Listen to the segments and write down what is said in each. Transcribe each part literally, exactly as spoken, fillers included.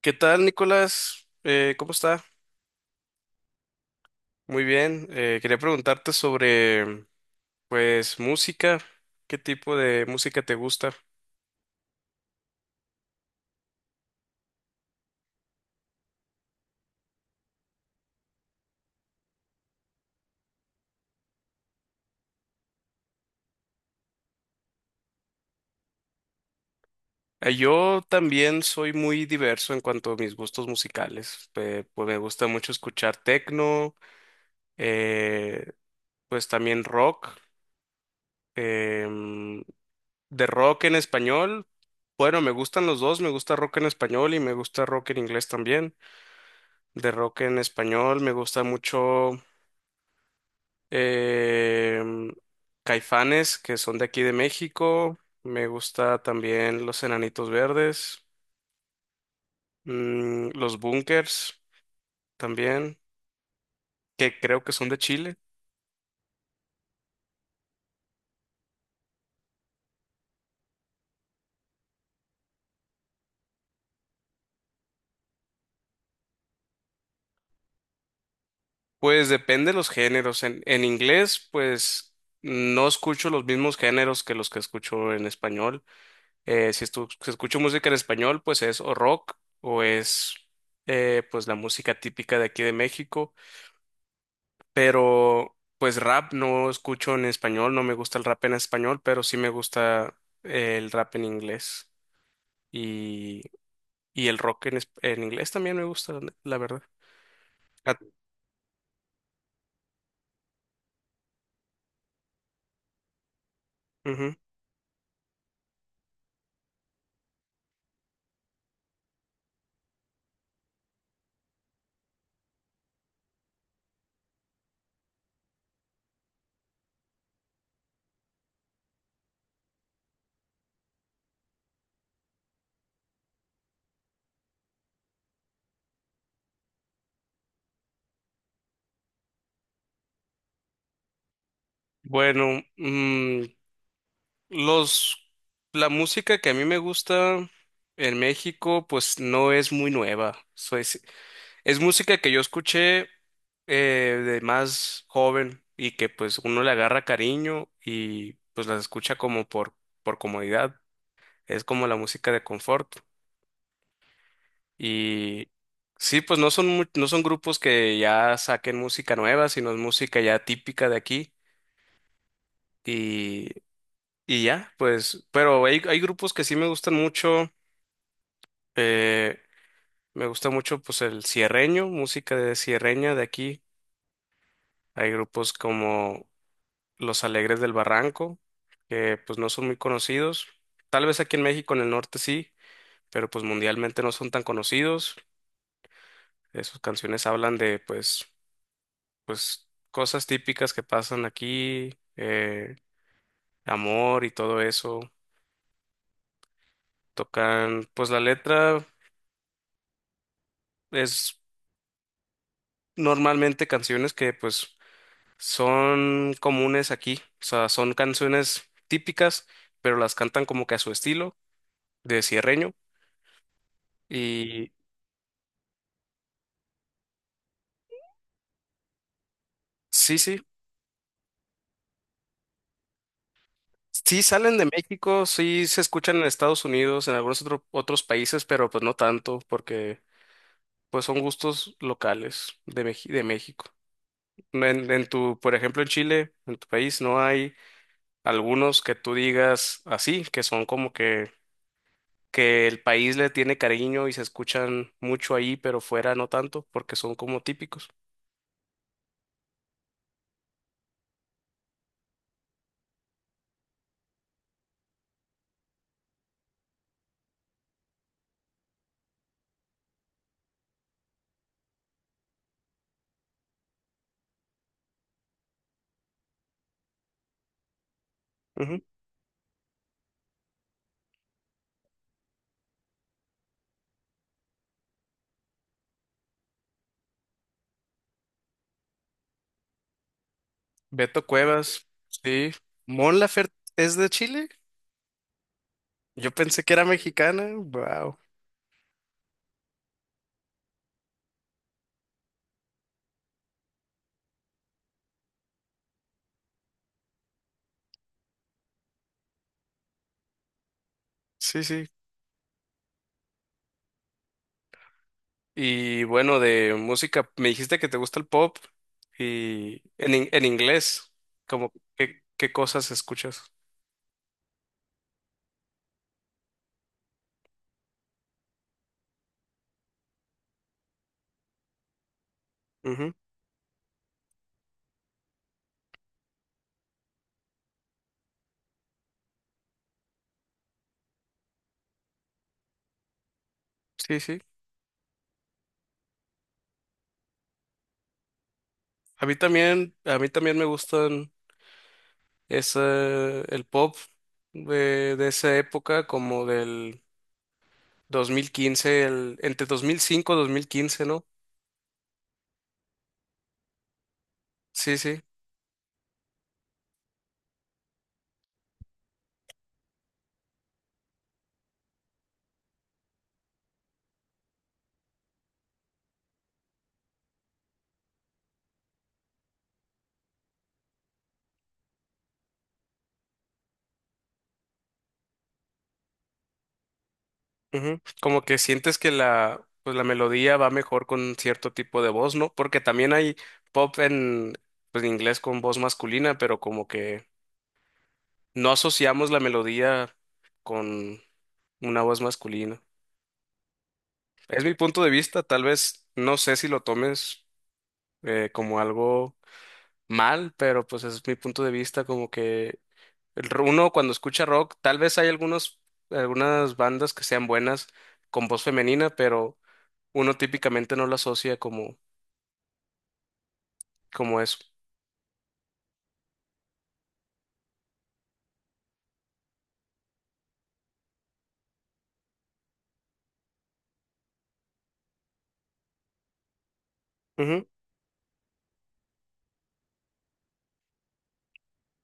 ¿Qué tal, Nicolás? Eh, ¿cómo está? Muy bien. Eh, quería preguntarte sobre, pues, música. ¿Qué tipo de música te gusta? Eh, yo también soy muy diverso en cuanto a mis gustos musicales. Eh, pues me gusta mucho escuchar techno, eh, pues también rock. em, de rock en español. Bueno, me gustan los dos, me gusta rock en español y me gusta rock en inglés también. De rock en español me gusta mucho Em, Caifanes, que son de aquí de México. Me gusta también Los Enanitos Verdes. Mm, Los Bunkers también, que creo que son de Chile. Pues depende de los géneros. En, en inglés, pues no escucho los mismos géneros que los que escucho en español. Eh, si, estu- si escucho música en español, pues es o rock o es eh, pues la música típica de aquí de México. Pero pues rap no escucho en español, no me gusta el rap en español, pero sí me gusta el rap en inglés y, y el rock en, es- en inglés también me gusta, la la verdad. Ah, ujú. Bueno, mm, los, la música que a mí me gusta en México pues no es muy nueva, soy, si, es música que yo escuché eh, de más joven y que pues uno le agarra cariño y pues las escucha como por, por comodidad. Es como la música de confort. Y sí, pues no son, mu- no son grupos que ya saquen música nueva, sino es música ya típica de aquí. Y, y ya, pues, pero hay, hay grupos que sí me gustan mucho. eh, Me gusta mucho pues el cierreño, música de cierreña de aquí. Hay grupos como los Alegres del Barranco, que pues no son muy conocidos. Tal vez aquí en México, en el norte sí, pero pues mundialmente no son tan conocidos. Eh, sus canciones hablan de pues, pues cosas típicas que pasan aquí, eh, amor y todo eso. Tocan, pues la letra es normalmente canciones que pues son comunes aquí, o sea, son canciones típicas, pero las cantan como que a su estilo de sierreño. Y sí, sí, sí salen de México, sí se escuchan en Estados Unidos, en algunos otro- otros países, pero pues no tanto, porque pues son gustos locales de, Meji- de México. No. En, en tu, por ejemplo, en Chile, en tu país, ¿no hay algunos que tú digas así, que son como que, que el país le tiene cariño y se escuchan mucho ahí, pero fuera no tanto, porque son como típicos? Ujú. Beto Cuevas, sí. Mon Laferte es de Chile. Yo pensé que era mexicana. Wow. Sí, sí. Y bueno, de música, me dijiste que te gusta el pop y en, in- en inglés, como qué, qué cosas escuchas. Ujú, sí, sí. A mí también, a mí también me gustan ese, el pop de, de esa época, como del dos mil quince, el, entre dos mil cinco y dos mil quince, ¿no? Sí, sí. Ujú. Como que sientes que la, pues la melodía va mejor con cierto tipo de voz, ¿no? Porque también hay pop en, pues, en inglés con voz masculina, pero como que no asociamos la melodía con una voz masculina. Es mi punto de vista, tal vez no sé si lo tomes eh, como algo mal, pero pues es mi punto de vista, como que el r- uno cuando escucha rock, tal vez hay algunos, algunas bandas que sean buenas con voz femenina, pero uno típicamente no lo asocia como, como eso. Ujú,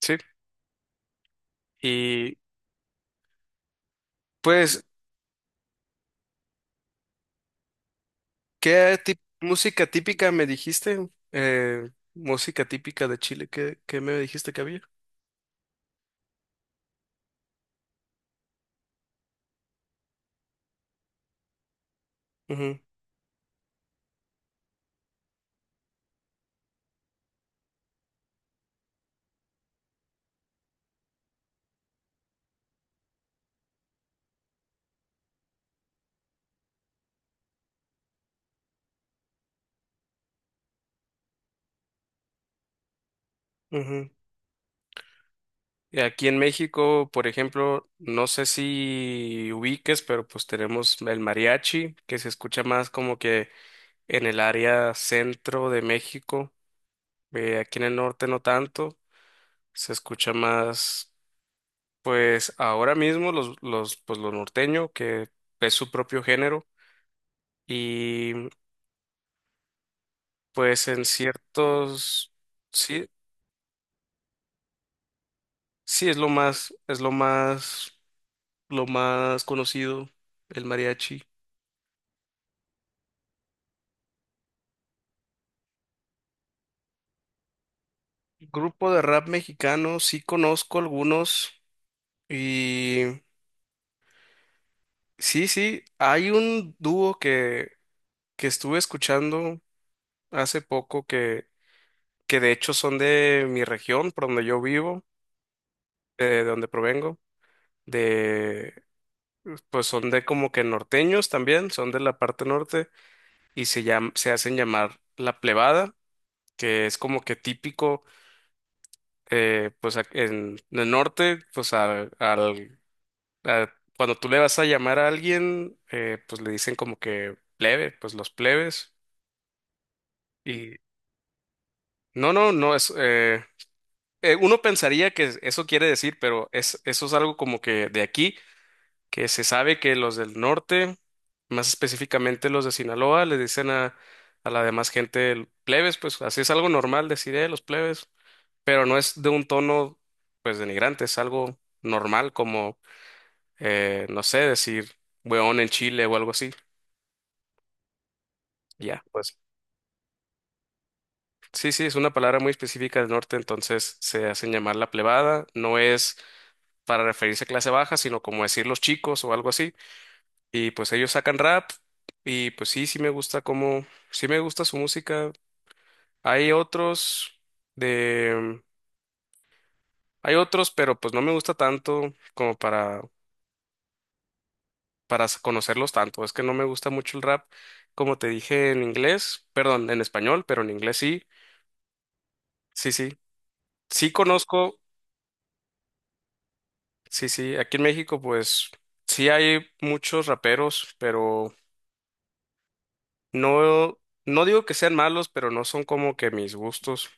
sí. Y pues, ¿qué tip- música típica me dijiste? Eh, música típica de Chile, ¿qué, qué me dijiste que había? Ujú, ujú. Y aquí en México, por ejemplo, no sé si ubiques, pero pues tenemos el mariachi, que se escucha más como que en el área centro de México. Eh, aquí en el norte no tanto, se escucha más. Pues ahora mismo los, los, pues lo norteño, que es su propio género, y pues en ciertos, sí, sí es lo más, es lo más, lo más conocido, el mariachi. Grupo de rap mexicano, sí conozco algunos, y sí, sí, hay un dúo que, que estuve escuchando hace poco que, que de hecho son de mi región, por donde yo vivo, eh, de donde provengo de pues son de como que norteños también, son de la parte norte y se llam- se hacen llamar la plebada, que es como que típico, eh, pues ac- en, en el norte, pues al, al- a- cuando tú le vas a llamar a alguien, eh, pues le dicen como que plebe, pues los plebes. Y no, no, no es, eh, eh, uno pensaría que eso quiere decir, pero es, eso es algo como que de aquí. Que se sabe que los del norte, más específicamente los de Sinaloa, les dicen a, a la demás gente el- plebes, pues así es algo normal decir "Eh, los plebes", pero no es de un tono pues denigrante, es algo normal como, eh, no sé, decir weón en Chile o algo así. Ya, pues sí, sí, es una palabra muy específica del norte, entonces se hacen llamar la plebada, no es para referirse a clase baja, sino como decir los chicos o algo así. Y pues ellos sacan rap y pues sí, sí me gusta cómo, sí me gusta su música. Hay otros de, hay otros, pero pues no me gusta tanto como para, para s- conocerlos tanto. Es que no me gusta mucho el rap, como te dije en inglés, perdón, en español, pero en inglés sí, sí, sí. Sí conozco, sí, sí, aquí en México pues sí hay muchos raperos, pero no, no digo que sean malos, pero no son como que mis gustos,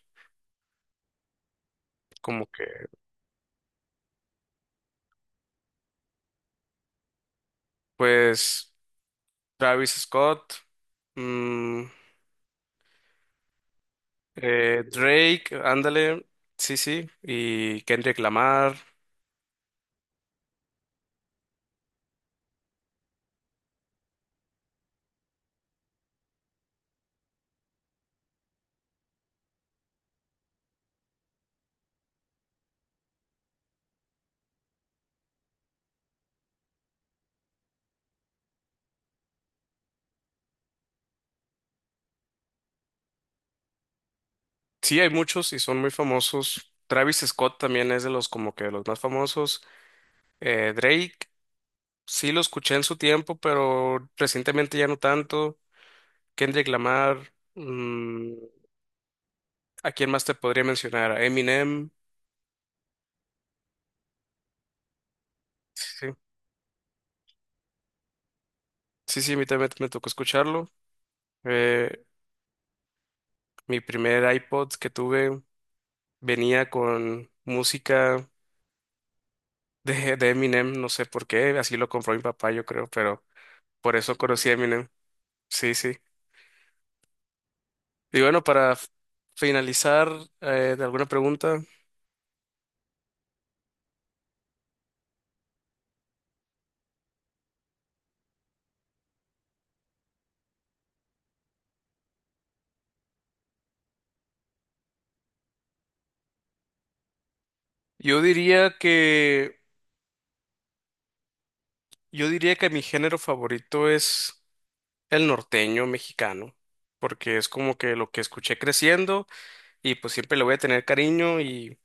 como que pues... Travis Scott, mm, eh, Drake, ándale, sí, sí, y Kendrick Lamar. Sí, hay muchos y son muy famosos. Travis Scott también es de los como que los más famosos. Eh, Drake, sí lo escuché en su tiempo, pero recientemente ya no tanto. Kendrick Lamar, mm, ¿a quién más te podría mencionar? A Eminem. Sí, sí, sí, a mí también me tocó escucharlo. Eh, Mi primer iPod que tuve venía con música de, de Eminem, no sé por qué, así lo compró mi papá, yo creo, pero por eso conocí a Eminem. Sí, sí. Y bueno, para f- finalizar eh, de alguna pregunta, yo diría que yo diría que mi género favorito es el norteño mexicano, porque es como que lo que escuché creciendo y pues siempre le voy a tener cariño y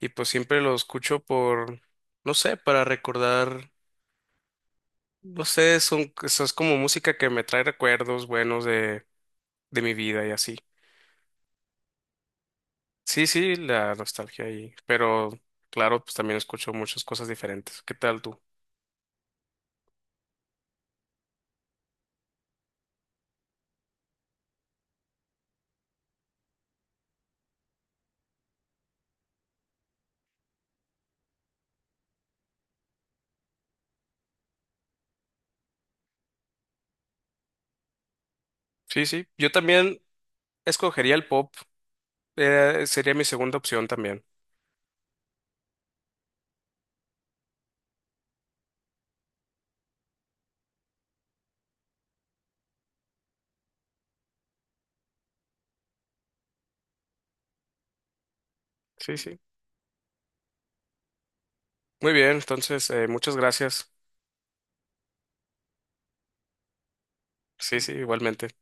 y pues siempre lo escucho por no sé, para recordar, no sé, son eso es como música que me trae recuerdos buenos de de mi vida y así. Sí, sí, la nostalgia ahí, pero claro, pues también escucho muchas cosas diferentes. ¿Qué tal tú? Sí, sí, yo también escogería el pop, eh, sería mi segunda opción también. Sí, sí. Muy bien, entonces, eh, muchas gracias. Sí, sí, igualmente.